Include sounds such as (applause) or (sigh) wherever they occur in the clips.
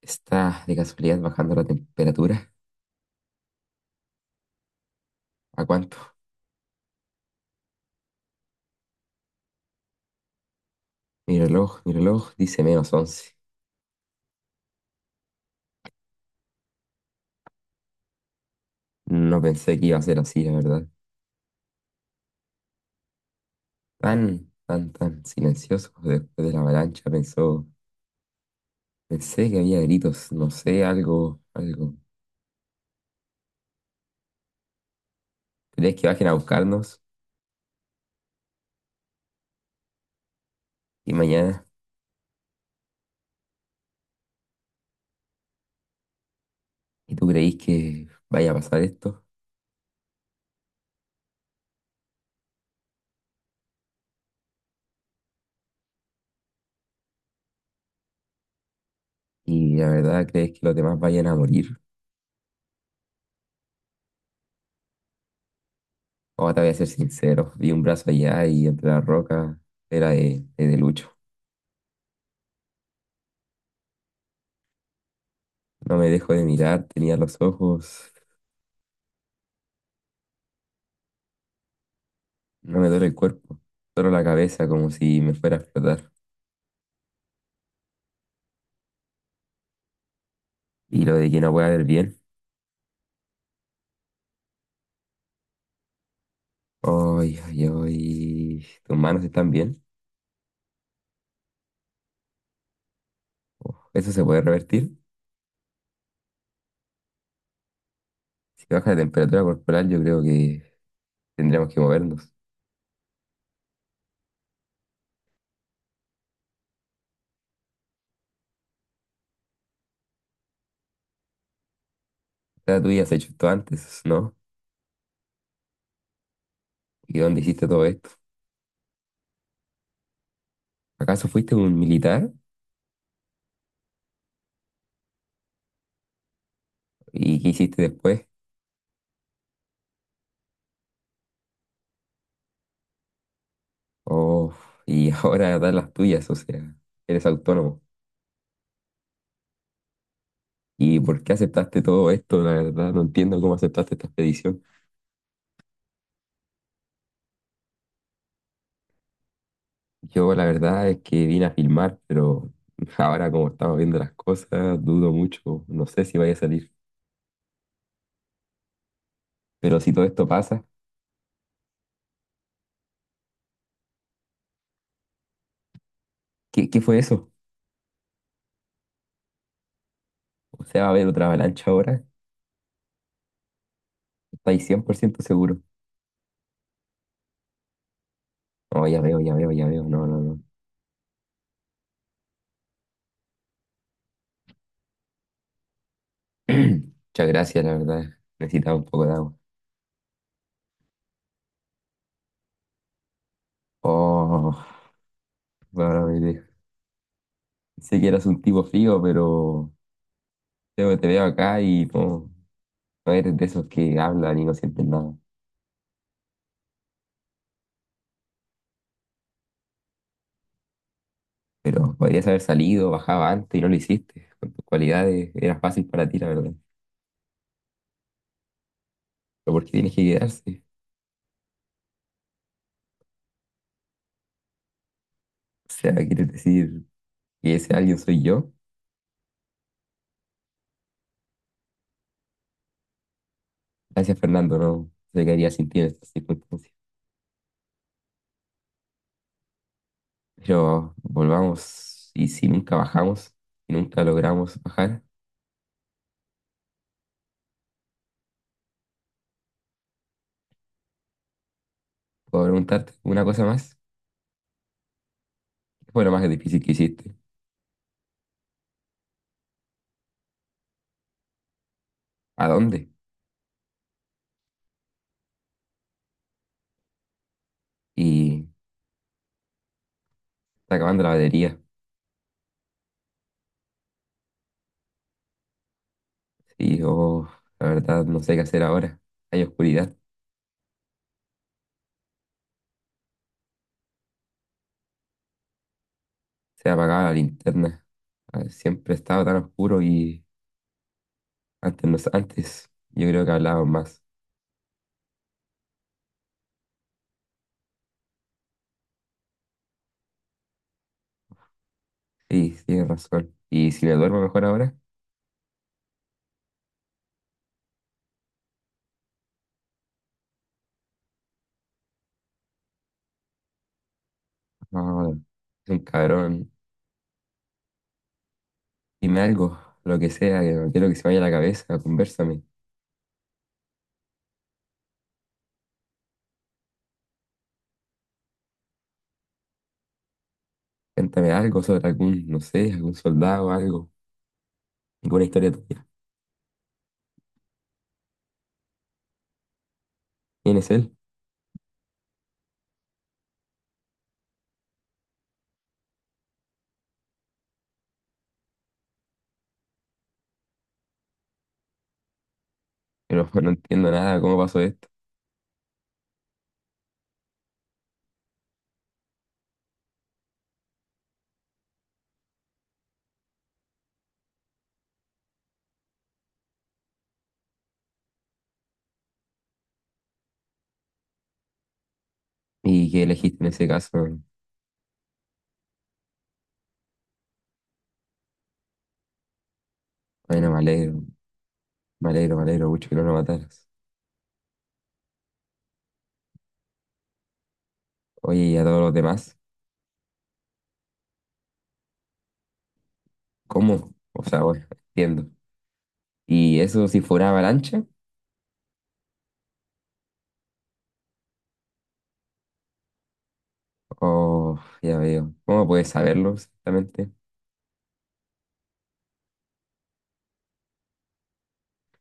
Está de casualidad bajando la temperatura. ¿A cuánto? Mi reloj dice -11. No pensé que iba a ser así, la verdad. Tan, tan, tan silencioso después de la avalancha, pensó. Pensé que había gritos, no sé, algo, algo. ¿Crees que bajen a buscarnos? Y mañana, ¿y tú creís que vaya a pasar esto? ¿Y la verdad crees que los demás vayan a morir? Ahora te voy a ser sincero, vi un brazo allá y entre la roca era de Lucho. No me dejo de mirar, tenía los ojos. No me duele el cuerpo, solo la cabeza como si me fuera a explotar. Y lo de que no pueda ver bien. Ay, ay, ay. ¿Tus manos están bien? Uf, ¿eso se puede revertir? Si baja la temperatura corporal, yo creo que tendríamos que movernos. O sea, tú ya has hecho esto antes, ¿no? ¿Y dónde hiciste todo esto? ¿Acaso fuiste un militar? ¿Y qué hiciste después? Oh, y (laughs) ahora das las tuyas, o sea, eres autónomo. ¿Y por qué aceptaste todo esto? La verdad, no entiendo cómo aceptaste esta expedición. Yo la verdad es que vine a filmar, pero (laughs) ahora como estamos viendo las cosas, dudo mucho, no sé si vaya a salir. Pero si todo esto pasa, ¿qué fue eso? O sea, ¿va a haber otra avalancha ahora? ¿Estáis 100% seguro? No, ya veo, ya veo, ya veo, no, no, no. (clears throat) Muchas gracias, la verdad, necesitaba un poco de agua. Oh, bueno, me sé que eras un tipo frío, pero te veo acá y no, no eres de esos que hablan y no sienten nada. Pero podrías haber salido, bajaba antes y no lo hiciste. Con tus cualidades era fácil para ti, la verdad. Pero ¿por qué tienes que quedarse? O sea, ¿quieres decir que ese alguien soy yo? Gracias, Fernando, no se quedaría sin ti en estas circunstancias. Pero volvamos, y si nunca bajamos, y nunca logramos bajar, puedo preguntarte una cosa más. ¿Qué fue lo más difícil que hiciste? ¿A dónde? Y está acabando la batería. Y yo, la verdad, no sé qué hacer ahora. Hay oscuridad. Se ha apagado la linterna. Ah, siempre estaba tan oscuro y antes, no, antes yo creo que hablábamos más. Sí, tienes razón. Y si me duermo mejor ahora, no, es un cabrón. Dime algo, lo que sea, que no quiero que se me vaya la cabeza, conversame. Cuéntame algo sobre algún, no sé, algún soldado, algo, alguna historia tuya. ¿Quién es él? Pero (laughs) no entiendo nada, ¿cómo pasó esto? ¿Y qué elegiste en ese caso? Bueno, me alegro, me alegro, me alegro mucho que no lo mataras. Oye, ¿y a todos los demás? ¿Cómo? O sea, bueno, entiendo. ¿Y eso si fuera avalancha? Oh, ya veo. ¿Cómo puedes saberlo exactamente?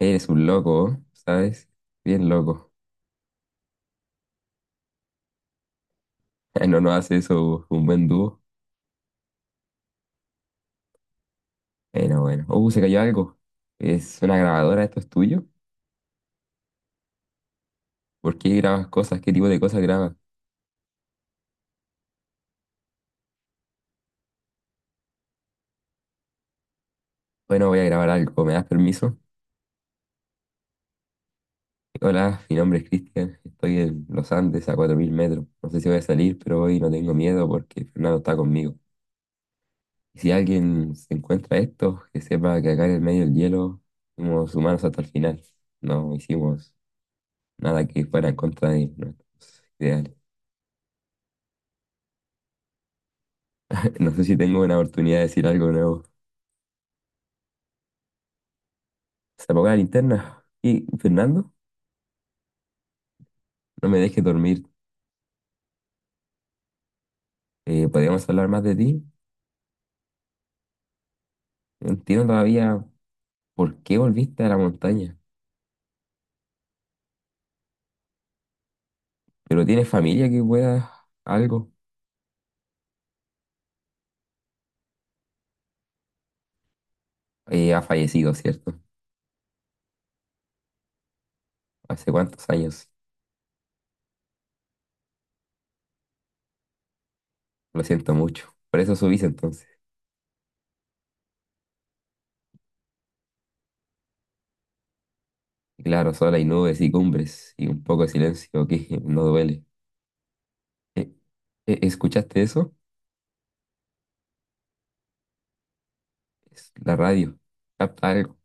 Eres un loco, ¿eh? ¿Sabes? Bien loco. (laughs) No nos hace eso un buen dúo. Bueno, bueno. Se cayó algo. ¿Es una grabadora? ¿Esto es tuyo? ¿Por qué grabas cosas? ¿Qué tipo de cosas grabas? Bueno, voy a grabar algo. ¿Me das permiso? Hola, mi nombre es Cristian. Estoy en los Andes a 4.000 metros. No sé si voy a salir, pero hoy no tengo miedo porque Fernando está conmigo. Y si alguien se encuentra esto, que sepa que acá en el medio del hielo fuimos humanos hasta el final. No hicimos nada que fuera en contra de nuestros ideales. (laughs) No sé si tengo una oportunidad de decir algo nuevo. Se apagó la linterna. Y Fernando, no me dejes dormir. ¿Podríamos hablar más de ti? No entiendo todavía por qué volviste a la montaña. Pero tienes familia que pueda algo. Ha fallecido, ¿cierto? ¿Hace cuántos años? Lo siento mucho. Por eso subís entonces. Claro, solo hay nubes y cumbres y un poco de silencio que (laughs) no duele. Eh, ¿Escuchaste eso? Es la radio. Capta algo.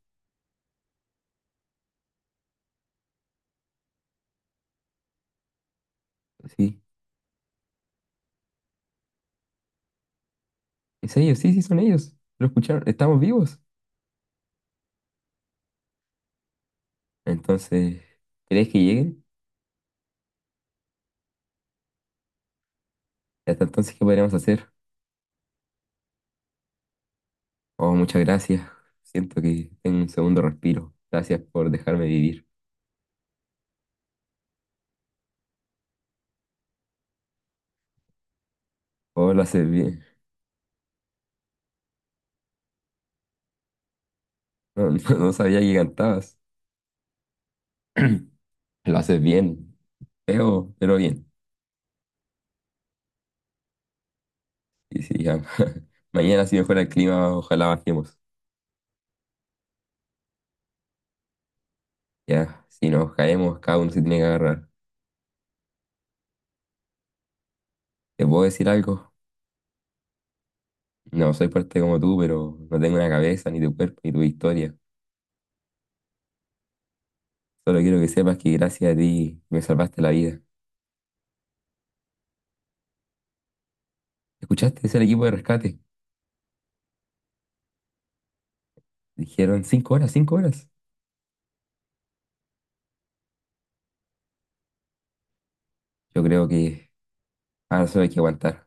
Sí, es ellos, sí, sí, son ellos. Lo escucharon, estamos vivos. Entonces, ¿crees que lleguen? Y hasta entonces, ¿qué podríamos hacer? Oh, muchas gracias. Siento que tengo un segundo respiro. Gracias por dejarme vivir. Oh, lo haces bien. No, (laughs) no, no sabía que cantabas. (clears throat) Lo haces bien. Feo, pero bien. Y sí, ya. (laughs) Mañana, si mejora el clima, ojalá bajemos. Ya, si nos caemos, cada uno se tiene que agarrar. ¿Te puedo decir algo? No soy fuerte como tú, pero no tengo una cabeza, ni tu cuerpo, ni tu historia. Solo quiero que sepas que gracias a ti me salvaste la vida. ¿Escuchaste? Es el equipo de rescate. Dijeron 5 horas, 5 horas. Yo creo que ahora solo hay que aguantar.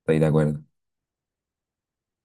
Estoy de acuerdo.